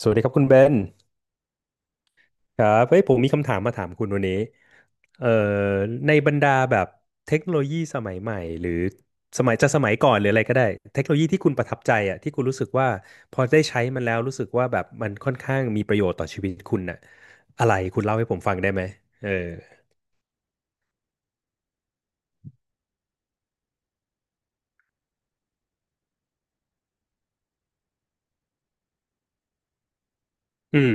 สวัสดีครับคุณเบนครับเฮ้ยผมมีคำถามมาถามคุณวันนี้เอ่อในบรรดาแบบเทคโนโลยีสมัยใหม่หรือสมัยก่อนหรืออะไรก็ได้ เทคโนโลยีที่คุณประทับใจอ่ะที่คุณรู้สึกว่าพอได้ใช้มันแล้วรู้สึกว่าแบบมันค่อนข้างมีประโยชน์ต่อชีวิตคุณน่ะอะไรคุณเล่าให้ผมฟังได้ไหมเอออืม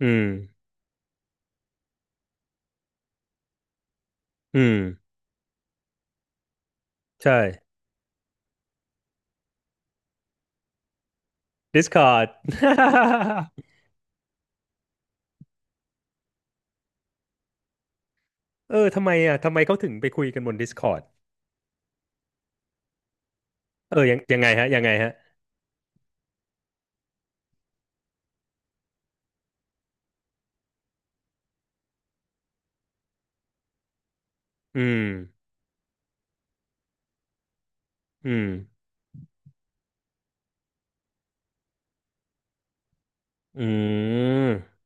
อืม อืม ใช่ Discord เออทำไมอ่ะทำไมเขาถึงไปคุยกันบน Discord เออยังไงฮะยังไงฮะอืมอืม อืม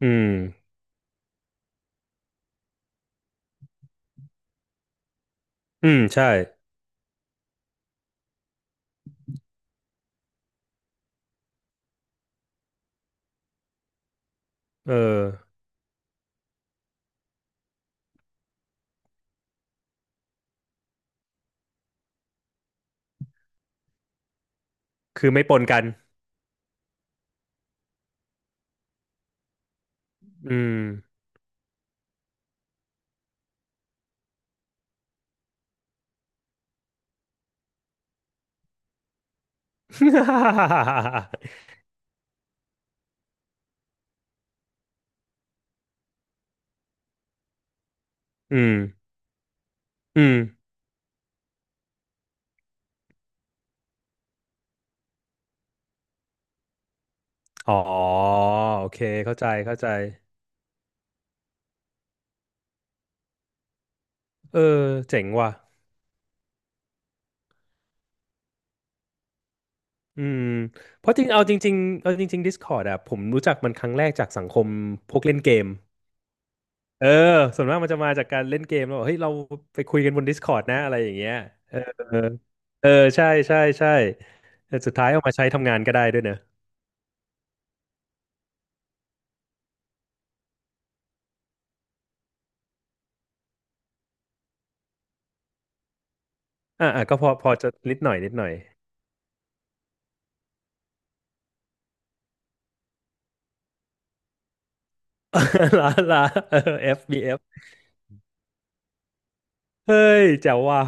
อืม อืมใช่ เออ คือไม่ปนกันอืม อืมอืมอ๋อโอเค เข้าใจเข้าใจเออ เจ๋งว่ะ อืม เพราะจริงเอาจริงๆเอาจริงๆ Discord อะผมรู้จักมันครั้งแรกจากสังคมพวกเล่นเกมเออส่วนมากมันจะมาจากการเล่นเกมแล้วบอกเฮ้ยเราไปคุยกันบน Discord นะ อะไรอย่างเงี้ยเออเออ ใช่ใช่ใช่แต่สุดท้ายเอามาใช้ทำงานก็ได้ด้วยเนอะ อ่าอ่าก็พอพอจะนิดหน่อยนิดหน่อย ลาลาเออ F B F เอฟเฮ้ยแจ๋วว่ะ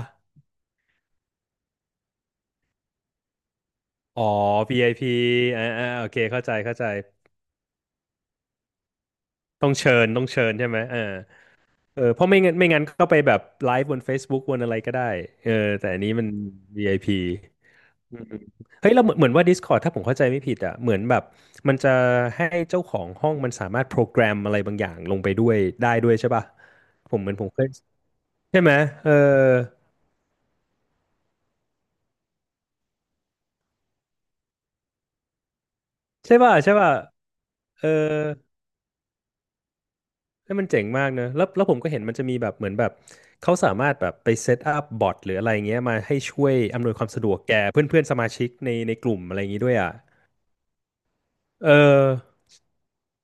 อ๋อ VIP อพีอ่าอ่าโอเคเข้าใจเข้าใจต้องเชิญต้องเชิญใช่ไหมเออเออเพราะไม่งั้นไม่งั้นก็ไปแบบไลฟ์บน Facebook บนอะไรก็ได้เออแต่อันนี้มัน VIP อพีอืมเฮ้ยเราเหมือนเหมือนว่า Discord ถ้าผมเข้าใจไม่ผิดอ่ะเหมือนแบบมันจะให้เจ้าของห้องมันสามารถโปรแกรมอะไรบางอย่างลงไปด้วยได้ด้วยใช่ป่ะผมเหมือนผมเคยใช่ไหมเออใช่ป่ะใช่ป่ะ เออเฮ้ยมันเจ๋งมากเนอะแล้วแล้วผมก็เห็นมันจะมีแบบเหมือนแบบ เขาสามารถแบบไปเซตอัพบอทหรืออะไรเงี้ยมาให้ช่วยอำนวยความสะดวกแก่เพื่อนเพื่อนสมาชิกในในกลุ่มอะไรอย่างงี้ด้วยอ่ะ เออ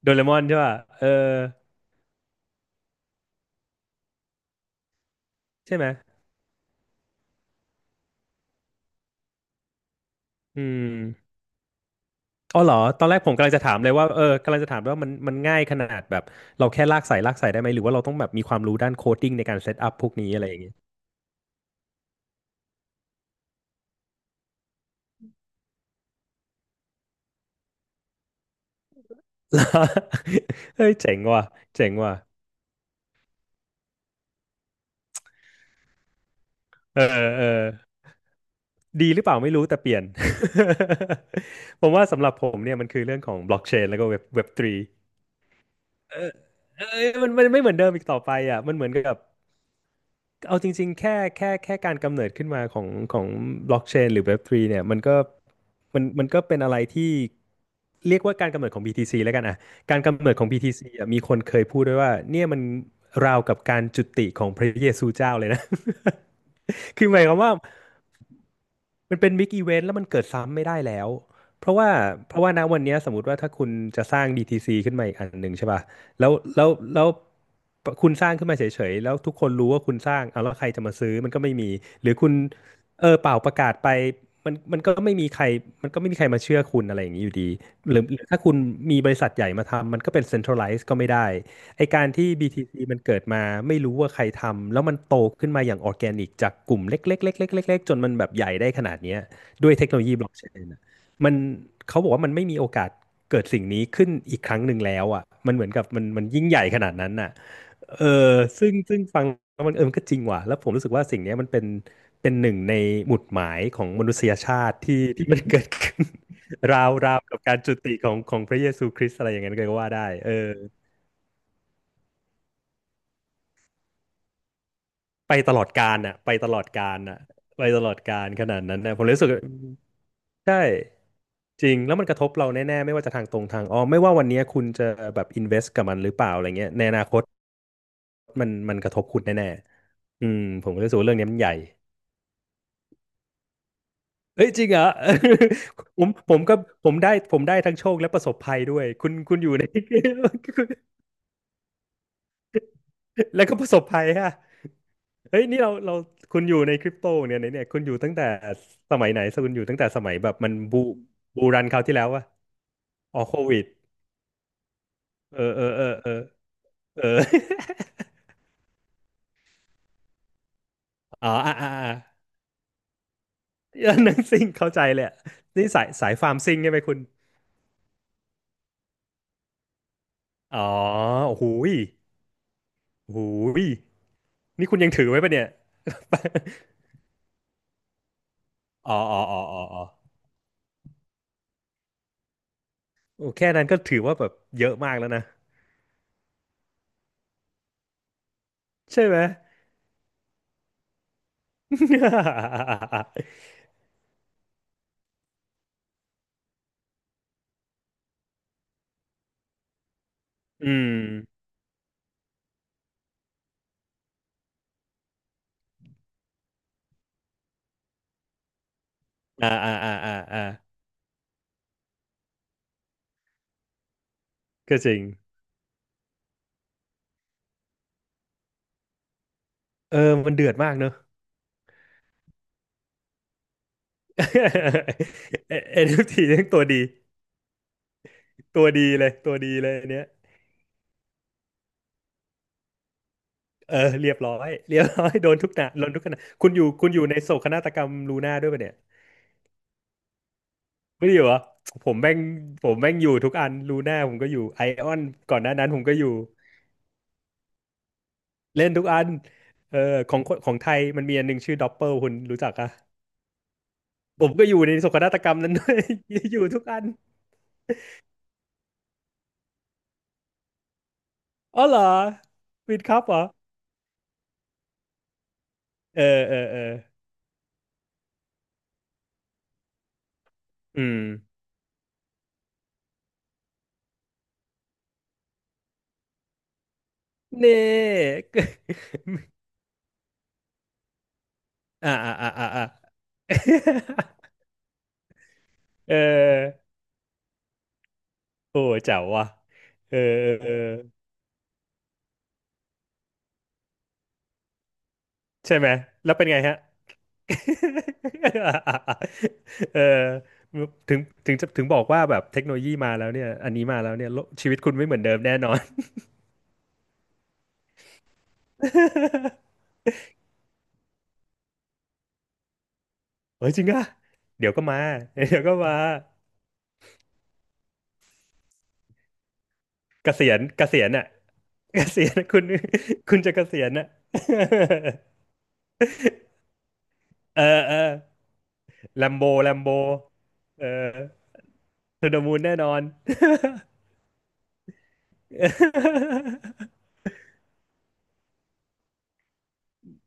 โดเรมอนใช่ป่ะเออใช่ไหมอืมอ๋อเหรอ ตอนแรกผมกำลังจะถามเลยว่า กำลังจะถามว่ามันมันง่ายขนาดแบบเราแค่ลากสายลากสายได้ไหมหรือว่าเราต้องแบบมีความรู้ด้านโคดดิ้งในการเซตอัพพวกนี้อะไรอย่างงี้ เฮ้ยเจ๋งว่ะเจ๋งว่ะเออเออ ดีหรือเปล่าไม่รู้แต่เปลี่ยน ผมว่าสำหรับผมเนี่ยมันคือเรื่องของบล็อกเชนแล้วก็เว็บทรีเออเออมันมันไม่เหมือนเดิมอีกต่อไปอ่ะมันเหมือนกับ เอาจริงๆแค่แค่การกำเนิดขึ้นมาของของบล็อกเชนหรือ Web3 เนี่ยมันก็มันมันก็เป็นอะไรที่เรียกว่าการกำเนิดของ BTC แล้วกันอ่ะการกำเนิดของ BTC อ่ะมีคนเคยพูดด้วยว่าเนี่ยมันราวกับการจุติของพระเยซูเจ้าเลยนะ คือหมายความว่ามันเป็นบิ๊กอีเวนต์แล้วมันเกิดซ้ำไม่ได้แล้วเพราะว่าเพราะว่าณวันเนี้ยสมมติว่าถ้าคุณจะสร้างดี t c ขึ้นมาอีกอันหนึ่งใช่ป่ะ แล้วคุณสร้างขึ้นมาเฉยๆแล้วทุกคนรู้ว่าคุณสร้างเอาแล้วใครจะมาซื้อมันก็ไม่มีหรือคุณเออเปล่าประกาศไปมันมันก็ไม่มีใครมาเชื่อคุณอะไรอย่างนี้อยู่ดีหรือถ้าคุณมีบริษัทใหญ่มาทำมันก็เป็น centralized ก็ไม่ได้ไอการที่ BTC มันเกิดมาไม่รู้ว่าใครทำแล้วมันโตขึ้นมาอย่างออร์แกนิกจากกลุ่มเล็กๆๆๆๆๆจนมันแบบใหญ่ได้ขนาดเนี้ยด้วยเทคโนโลยีบล็อกเชน มันเขาบอกว่ามันไม่มีโอกาสเกิดสิ่งนี้ขึ้นอีกครั้งหนึ่งแล้วอ่ะมันเหมือนกับมันมันยิ่งใหญ่ขนาดนั้นน่ะเออซึ่งฟังแล้วมันเออมันก็จริงว่ะแล้วผมรู้สึกว่าสิ่งนี้มันเป็นเป็นหนึ่งในหมุดหมายของมนุษยชาติที่มันเกิดขึ้น ราวกับการจุติของของพระเยซูคริสต์อะไรอย่างนั้นก็ว่าได้เออไปตลอดกาลน่ะไปตลอดกาลน่ะไปตลอดกาลขนาดนั้นนะผมรู้สึก ใช่จริงแล้วมันกระทบเราแน่ๆไม่ว่าจะทางตรงทางอ้อมไม่ว่าวันเนี้ยคุณจะแบบอินเวสกับมันหรือเปล่าอะไรเงี้ยในอนาคตมันมันกระทบคุณแน่ๆอืมผมก็รู้สึกว่าเรื่องนี้มันใหญ่เอ้ยจริงเหรอ ผมก็ผมได้ทั้งโชคและประสบภัยด้วยคุณคุณอยู่ใน แล้วก็ประสบภัยฮะเฮ้ยนี่เราคุณอยู่ในคริปโตเนี่ยคุณอยู่ตั้งแต่สมัยไหนคุณอยู่ตั้งแต่สมัยแบบมันบูรันคราวที่แล้ววะอ๋อโควิดเออเออเออเออเออ อ๋ออ่าเออห นังซิ่งเข้าใจเลยอะนี่สายฟาร์มซิ่งใช่ไหมคุณอ๋อโอ้โหยโอ้โหยนี่คุณยังถือไว้ปะเนี่ย อ๋อโอ้แค่นั้นก็ถือว่าแบบเยอะมากแล้วนะ ใช่ไหม อืมอ่าก็จริงเออมันเดือดมากเนอะ เอ็นเอฟทีทั้งตัวดีตัวดีเลยตัวดีเลยอันเนี้ย เออเรียบร้อยเรียบร้อยโดนทุกหนะโดนทุกขณะคุณอยู่ในโศกนาฏกรรมลูน่าด้วยปะเนี่ยไม่ได้อยู่เหรอผมแม่งผมแม่งอยู่ทุกอันลูน่าผมก็อยู่ไอออนก่อนหน้านั้นผมก็อยู่เล่นทุกอันเออของของไทยมันมีอันหนึ่งชื่อด็อปเปลคุณรู้จักอะผมก็อยู่ในโศกนาฏกรรมนั้นด้วย อยู่ทุกอันอ๋อเหรอวิดครับเหรอเออเอออืมเน่ อ่า เออโอ้เจ๋วว่ะเออเออ ใช่ไหม แล้วเป็นไงฮะ เออถึงถึงจะถึงบอกว่าแบบ เทคโนโลยีมาแล้วเนี่ย อันนี้มาแล้วเนี่ยโลกชีวิตคุณไม่เหมือนเดิมแน่นอน เฮ้ยจริงอ่ะเดี๋ยวก็มา เดี๋ยวก็มาเกษียณอ่ะ เกษียณคุณ คุณจะเกษียณอ่ะ เออเออแลมโบเออเทูดมูนแน่นอน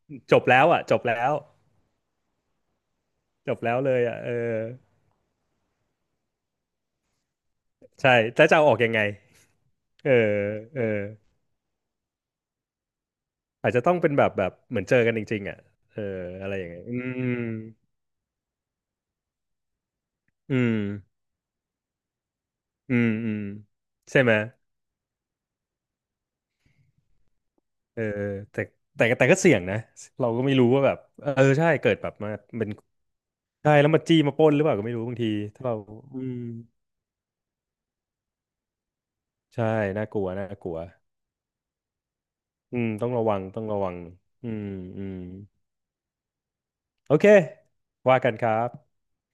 จบแล้วอ่ะจบแล้ว จบแล้วเลยอ่ะเออใช่แล้วจะเอาออกยังไง เออเอออาจจะต้องเป็นแบบเหมือนเจอกันจริงๆอ่ะ เออ อะไรอย่างเงี้ยอืมอืม อืมใช่ไหมเออ แต่แต่ก็เสี่ยงนะ เราก็ไม่รู้ว่าแบบเออใช่เกิดแบบมาเป็นใช่แล้วมาจี้มาปล้นหรือเปล่าก็ไม่รู้บางทีถ้าเราอืมใช่น่ากลัวน่ากลัวอืมต้องระวัง อืมอืมโอเคว่ากันครับ